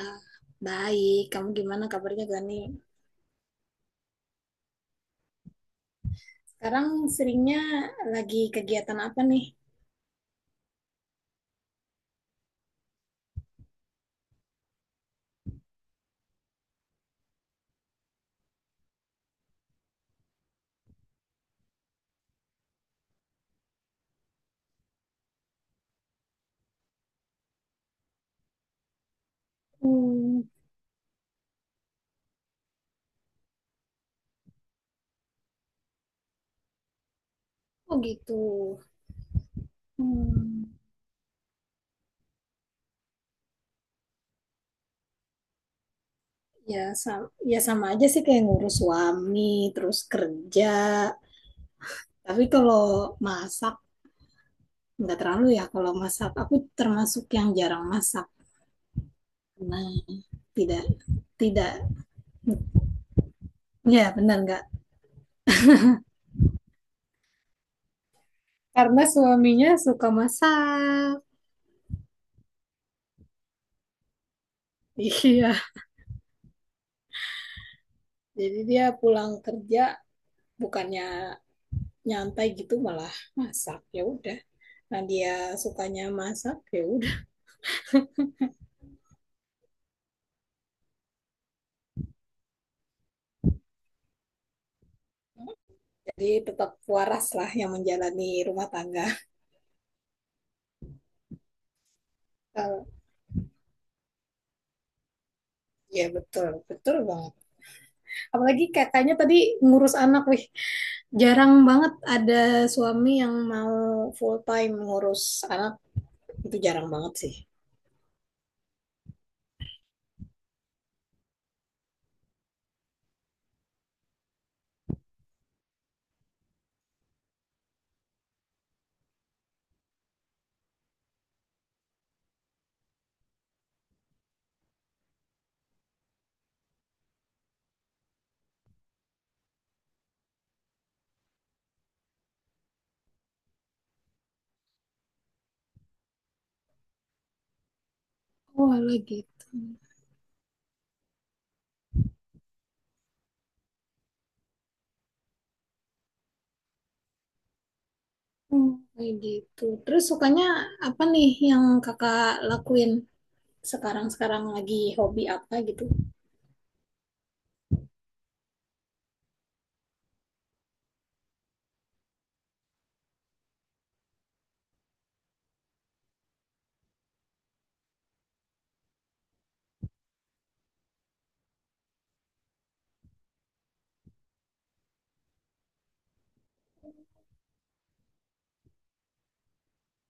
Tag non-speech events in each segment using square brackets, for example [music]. Ah, baik, kamu gimana kabarnya Gani? Sekarang seringnya lagi kegiatan apa nih? Hmm, oh gitu. Hmm, ya, sama, ya sama aja sih kayak ngurus suami, terus kerja. Tapi kalau masak nggak terlalu ya. Kalau masak aku termasuk yang jarang masak. Nah, tidak, tidak. Ya benar nggak? Karena suaminya suka masak. [laughs] Iya. Jadi dia pulang kerja bukannya nyantai gitu malah masak, ya udah, nah dia sukanya masak ya udah, jadi tetap waras lah yang menjalani rumah tangga. Kalau ya betul betul banget, apalagi katanya tadi ngurus anak, wih jarang banget ada suami yang mau full time ngurus anak, itu jarang banget sih. Oh lagi gitu, kayak gitu terus, sukanya apa nih yang kakak lakuin sekarang-sekarang, lagi hobi apa gitu?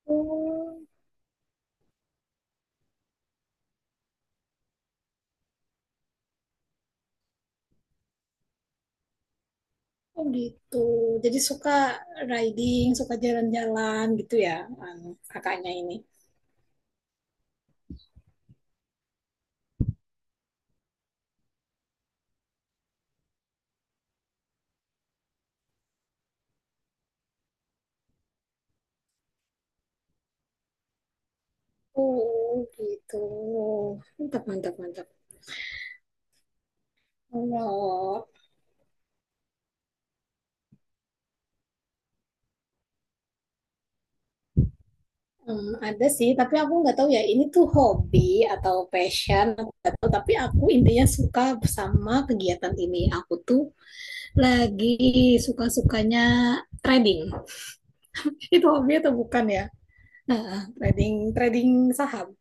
Hmm, oh gitu. Jadi suka riding, suka jalan-jalan gitu ya, anu, kakaknya ini. Oh gitu. Mantap, mantap, mantap. Kalau ada sih, tapi aku nggak tahu ya ini tuh hobi atau passion, aku nggak tahu. Tapi aku intinya suka sama kegiatan ini. Aku tuh lagi suka-sukanya trading. Itu hobi atau bukan ya? Nah, trading, trading saham.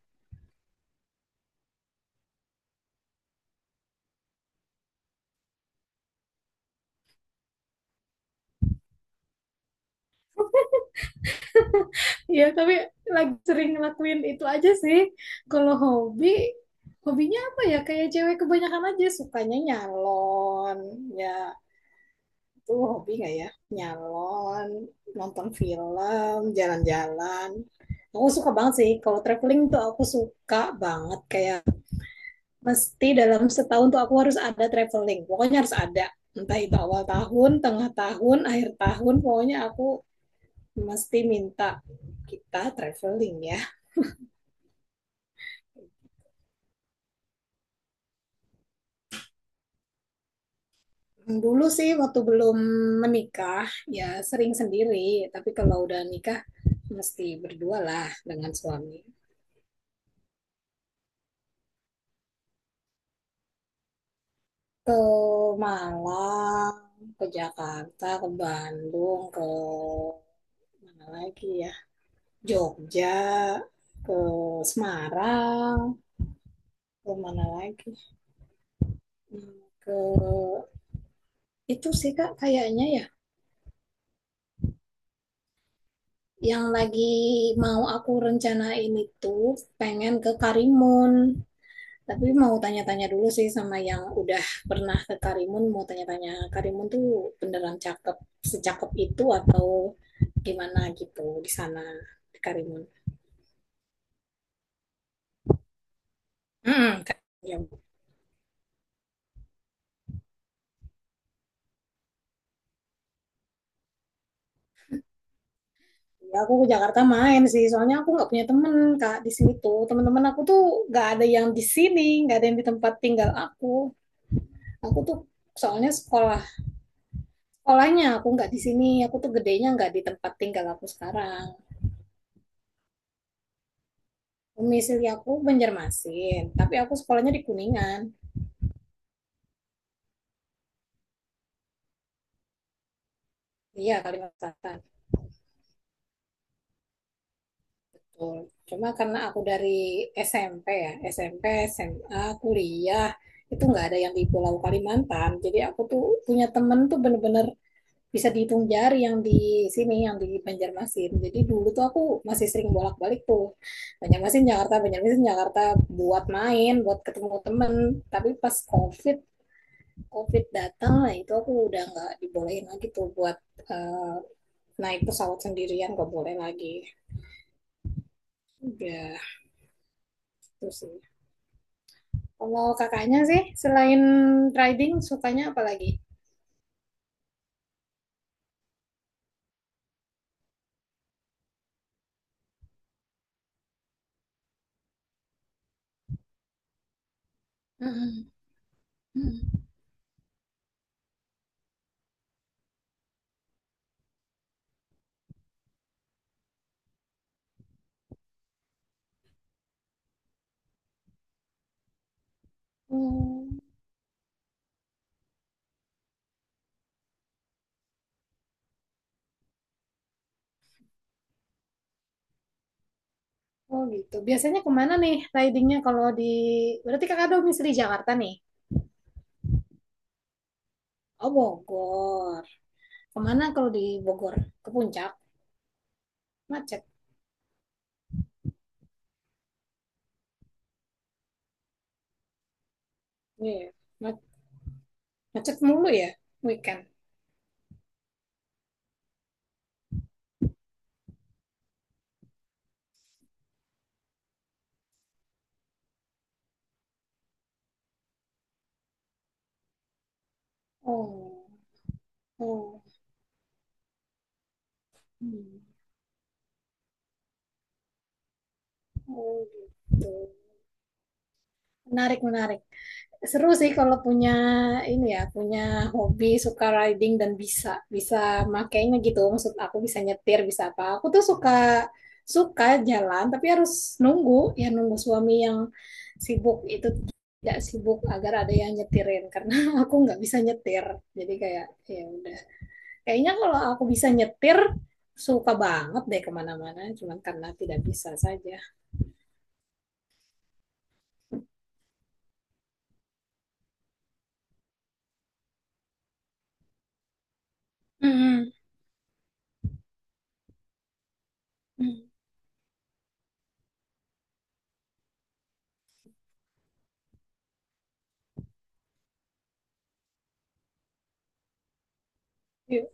Iya, tapi lagi sering ngelakuin itu aja sih. Kalau hobi, hobinya apa ya? Kayak cewek kebanyakan aja sukanya nyalon. Ya, itu hobi nggak ya? Nyalon, nonton film, jalan-jalan. Aku suka banget sih. Kalau traveling tuh aku suka banget. Kayak mesti dalam setahun tuh aku harus ada traveling. Pokoknya harus ada. Entah itu awal tahun, tengah tahun, akhir tahun. Pokoknya aku mesti minta kita traveling ya. Dulu sih waktu belum menikah ya sering sendiri, tapi kalau udah nikah mesti berdua lah dengan suami. Ke Malang, ke Jakarta, ke Bandung, ke mana lagi ya? Jogja, ke Semarang, ke mana lagi? Ke itu sih Kak kayaknya ya. Yang lagi mau aku rencanain itu pengen ke Karimun. Tapi mau tanya-tanya dulu sih sama yang udah pernah ke Karimun, mau tanya-tanya Karimun tuh beneran cakep, secakep itu atau gimana gitu di sana, di Karimun. Hmm, ya, ya, aku ke Jakarta main sih, soalnya aku nggak punya temen Kak di sini tuh. Teman-teman aku tuh nggak ada yang di sini, nggak ada yang di tempat tinggal aku. Aku tuh soalnya sekolahnya aku nggak di sini, aku tuh gedenya nggak di tempat tinggal aku sekarang. Domisili aku Banjarmasin, tapi aku sekolahnya di Kuningan. Iya, Kalimantan Selatan. Betul. Cuma karena aku dari SMP ya, SMP, SMA, kuliah, itu nggak ada yang di Pulau Kalimantan. Jadi aku tuh punya temen tuh bener-bener bisa dihitung jari yang di sini, yang di Banjarmasin. Jadi dulu tuh aku masih sering bolak-balik tuh. Banjarmasin, Jakarta, Banjarmasin, Jakarta buat main, buat ketemu temen. Tapi pas COVID datang, nah itu aku udah nggak dibolehin lagi tuh buat eh, naik pesawat sendirian, nggak boleh lagi. Udah. Itu sih. Kalau kakaknya sih, selain riding, sukanya apa lagi? Mm. Hmm, oh gitu. Biasanya kemana nih ridingnya kalau di... Berarti kakak domisili Jakarta nih? Oh, Bogor. Kemana kalau di Bogor? Ke Puncak? Macet. Iya, ya. Ma- Macet mulu ya weekend. Oh, oh. Mm. Oh gitu. Menarik, menarik. Seru sih kalau punya ini ya, punya hobi suka riding dan bisa bisa makainya gitu. Maksud aku bisa nyetir, bisa apa. Aku tuh suka suka jalan tapi harus nunggu, ya nunggu suami yang sibuk itu tidak sibuk agar ada yang nyetirin karena [laughs] aku nggak bisa nyetir. Jadi kayak ya udah. Kayaknya kalau aku bisa nyetir suka banget deh kemana-mana cuman karena tidak bisa saja. Mm-mm. Mm. Yuk,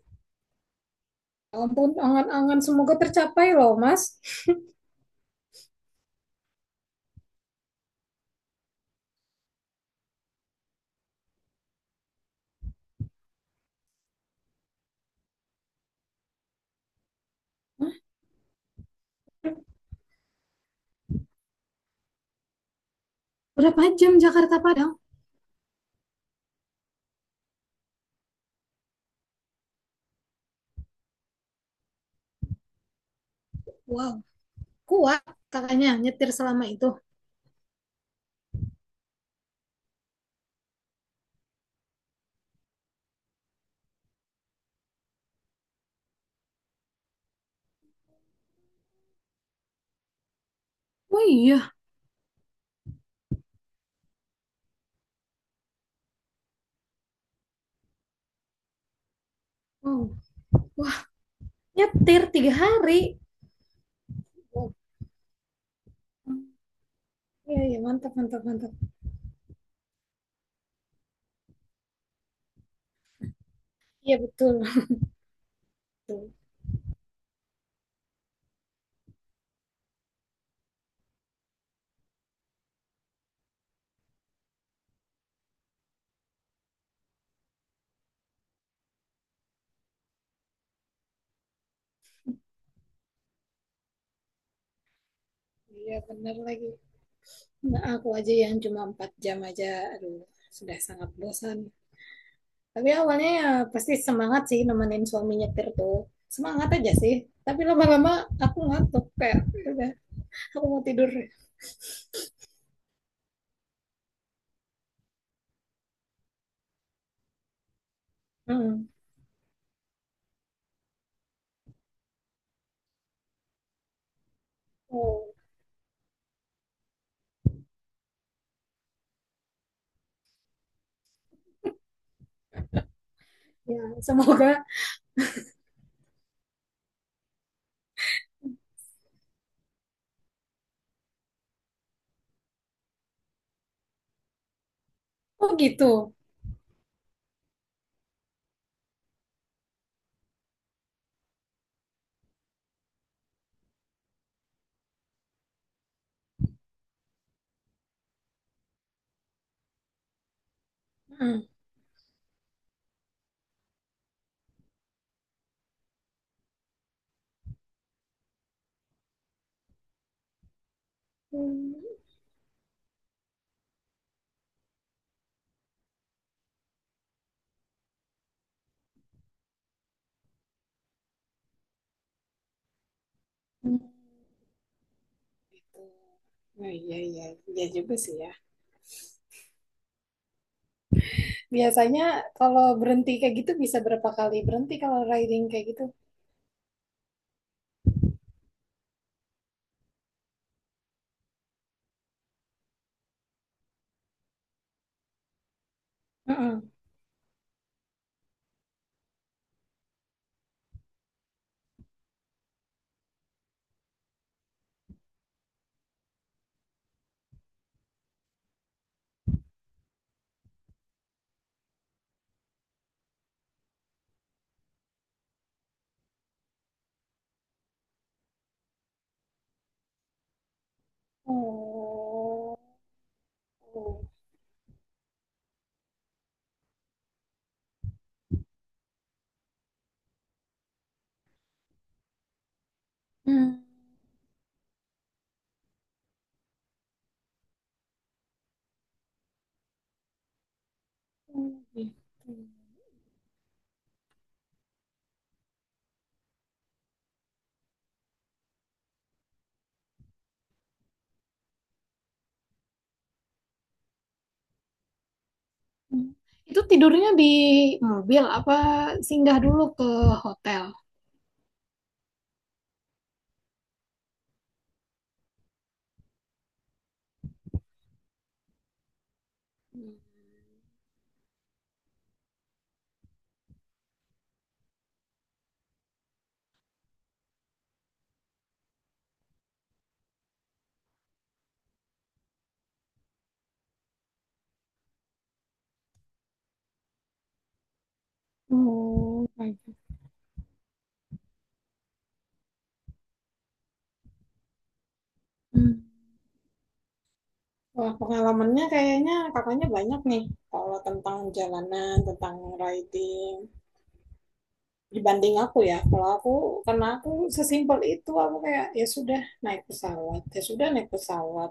ampun, angan-angan semoga tercapai loh, Mas. [laughs] Hah? Berapa jam Jakarta Padang? Wow, kuat kakaknya nyetir selama itu. Oh iya. Wow, wah, nyetir 3 hari. Wow. Iya, iya mantap, mantap, mantap. Iya betul. Betul. Iya benar lagi. Nah, aku aja yang cuma 4 jam aja, aduh sudah sangat bosan. Tapi awalnya ya pasti semangat sih nemenin suami nyetir tuh. Semangat aja sih. Tapi lama-lama aku ngantuk kayak "Ya udah aku mau tidur." Hmm. Oh, ya semoga. Oh gitu. Hmm. Hmm. Gitu. Nah, iya, iya, iya juga sih ya. Biasanya kalau berhenti kayak gitu bisa berapa kali berhenti kalau riding kayak gitu? Mm-mm. Oh, oh. Hmm. Hmm, gitu. Hmm. Itu tidurnya di mobil apa singgah dulu ke hotel? Hmm. Oh, baik. Hmm. Wah, pengalamannya kayaknya kakaknya banyak nih. Kalau tentang jalanan, tentang riding. Dibanding aku ya, kalau aku, karena aku sesimpel itu aku kayak ya sudah naik pesawat, ya sudah naik pesawat.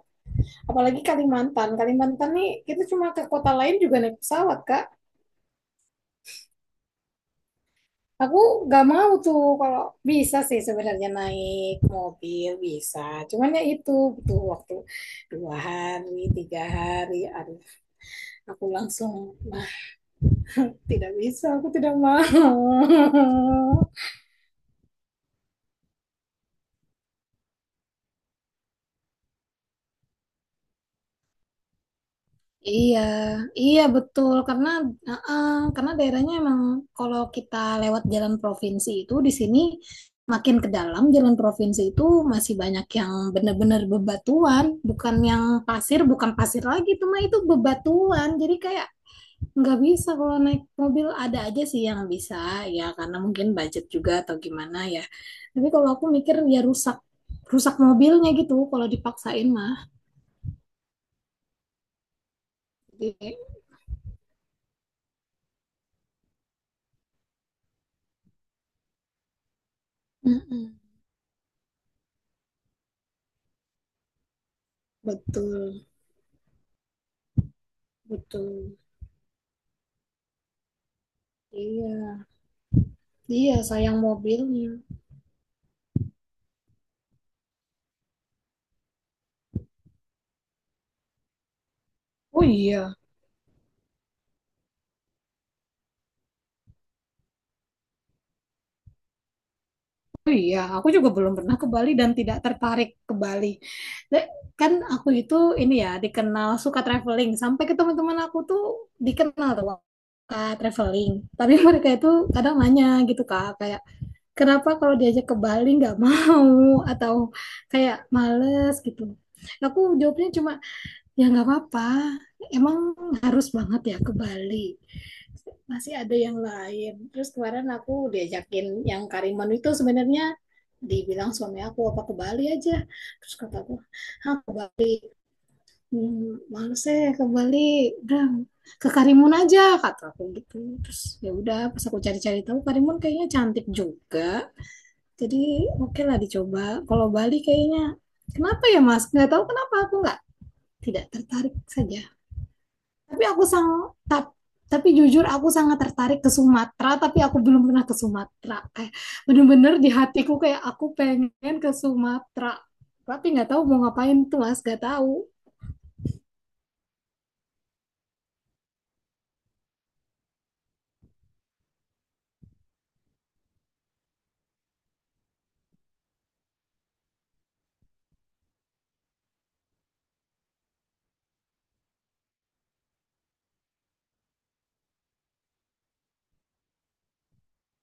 Apalagi Kalimantan, Kalimantan nih, kita cuma ke kota lain juga naik pesawat Kak. Aku gak mau tuh, kalau bisa sih sebenarnya naik mobil bisa cuman ya itu butuh waktu 2 hari 3 hari, aduh aku langsung, nah tidak bisa, aku tidak mau. [laughs] Iya, iya betul karena heeh, karena daerahnya emang, kalau kita lewat jalan provinsi itu di sini, makin ke dalam jalan provinsi itu masih banyak yang benar-benar bebatuan, bukan yang pasir, bukan pasir lagi itu mah itu bebatuan. Jadi kayak nggak bisa kalau naik mobil, ada aja sih yang bisa, ya karena mungkin budget juga atau gimana ya. Tapi kalau aku mikir ya rusak rusak mobilnya gitu kalau dipaksain mah. Jadi, mm-mm, betul. Betul. Iya. Iya, sayang mobilnya. Oh iya, oh iya. Aku juga belum pernah ke Bali dan tidak tertarik ke Bali. Le- Kan aku itu ini ya dikenal suka traveling. Sampai ke teman-teman aku tuh dikenal tuh suka traveling. Tapi [laughs] mereka itu kadang nanya gitu, Kak, kayak kenapa kalau diajak ke Bali nggak mau, [laughs] atau kayak males gitu. Aku jawabnya cuma, "Ya nggak apa-apa. Emang harus banget ya ke Bali? Masih ada yang lain." Terus kemarin aku diajakin yang Karimun itu, sebenarnya dibilang suami aku apa ke Bali aja. Terus kata aku, "Ah ke Bali. Hmm, males eh ke Bali. Udah ke Karimun aja," kata aku gitu. Terus ya udah pas aku cari-cari tahu Karimun kayaknya cantik juga. Jadi oke lah dicoba. Kalau Bali kayaknya kenapa ya Mas? Nggak tahu kenapa aku nggak tidak tertarik saja. Tapi aku sang tap- tapi jujur aku sangat tertarik ke Sumatera, tapi aku belum pernah ke Sumatera. Kayak bener-bener di hatiku kayak aku pengen ke Sumatera. Tapi nggak tahu mau ngapain tuh, Mas, nggak tahu.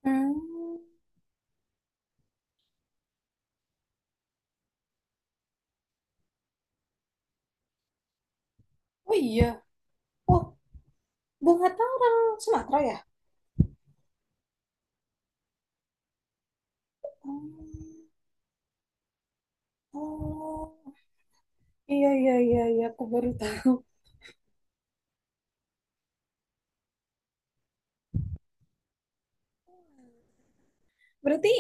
Hmm. Oh iya. Oh, Bung Hatta orang Sumatera ya? Hmm. Oh, iya, iya, iya, iya. Aku baru tahu. Berarti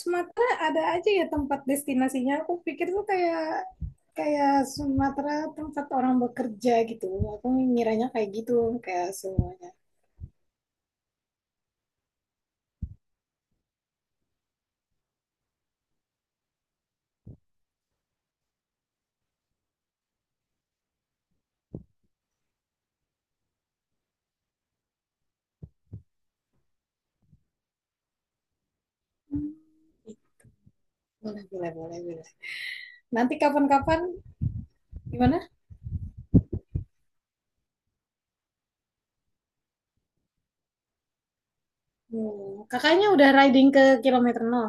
Sumatera ada aja ya tempat destinasinya. Aku pikir tuh kayak kayak Sumatera tempat orang bekerja gitu. Aku ngiranya kayak gitu kayak semuanya. Hmm, boleh, boleh, boleh, boleh. Nanti kapan-kapan gimana? Hmm, kakaknya udah riding ke kilometer 0.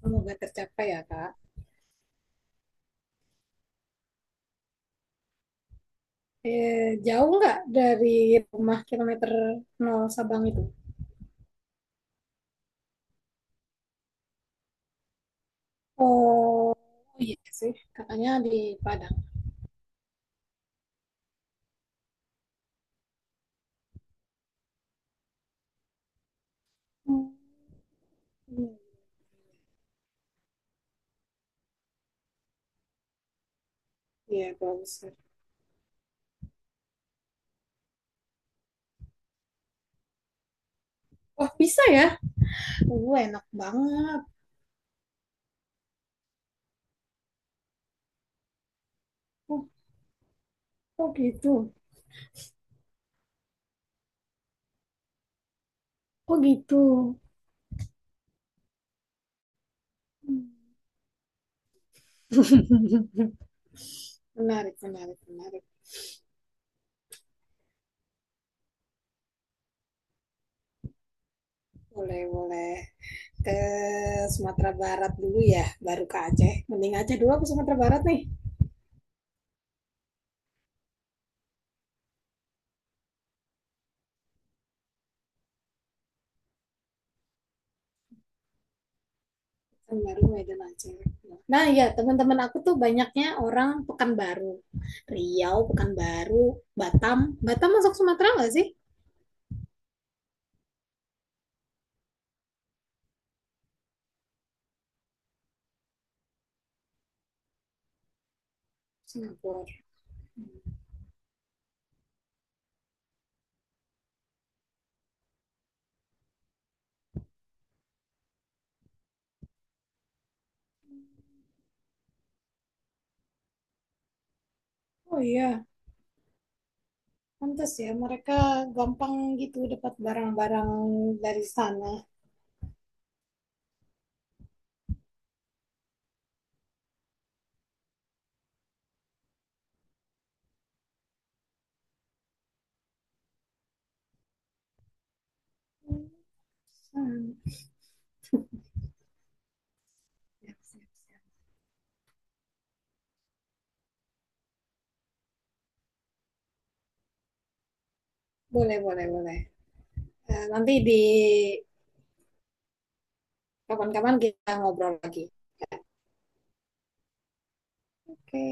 Semoga tercapai ya, Kak. Eh, jauh nggak dari rumah kilometer 0 Sabang itu? Oh, iya sih. Kakaknya di Padang. Hmm. Iya, bagus. Wah, bisa ya? Enak banget. Oh, oh gitu. Oh gitu. [laughs] Menarik, menarik, menarik. Boleh, boleh. Ke Sumatera Barat dulu ya, baru ke Aceh. Mending Aceh dulu, aku Sumatera Barat nih. Kan Baru Medan Aceh. Nah, ya teman-teman aku tuh banyaknya orang Pekanbaru. Riau, Pekanbaru, Batam. Batam masuk Sumatera nggak sih? Singapura. Oh iya. Pantes ya, mereka gampang gitu dapat barang-barang dari sana. Hmm, siap, siap, siap. Boleh, boleh, boleh. Eh, nanti di kapan-kapan kita ngobrol lagi. Oke.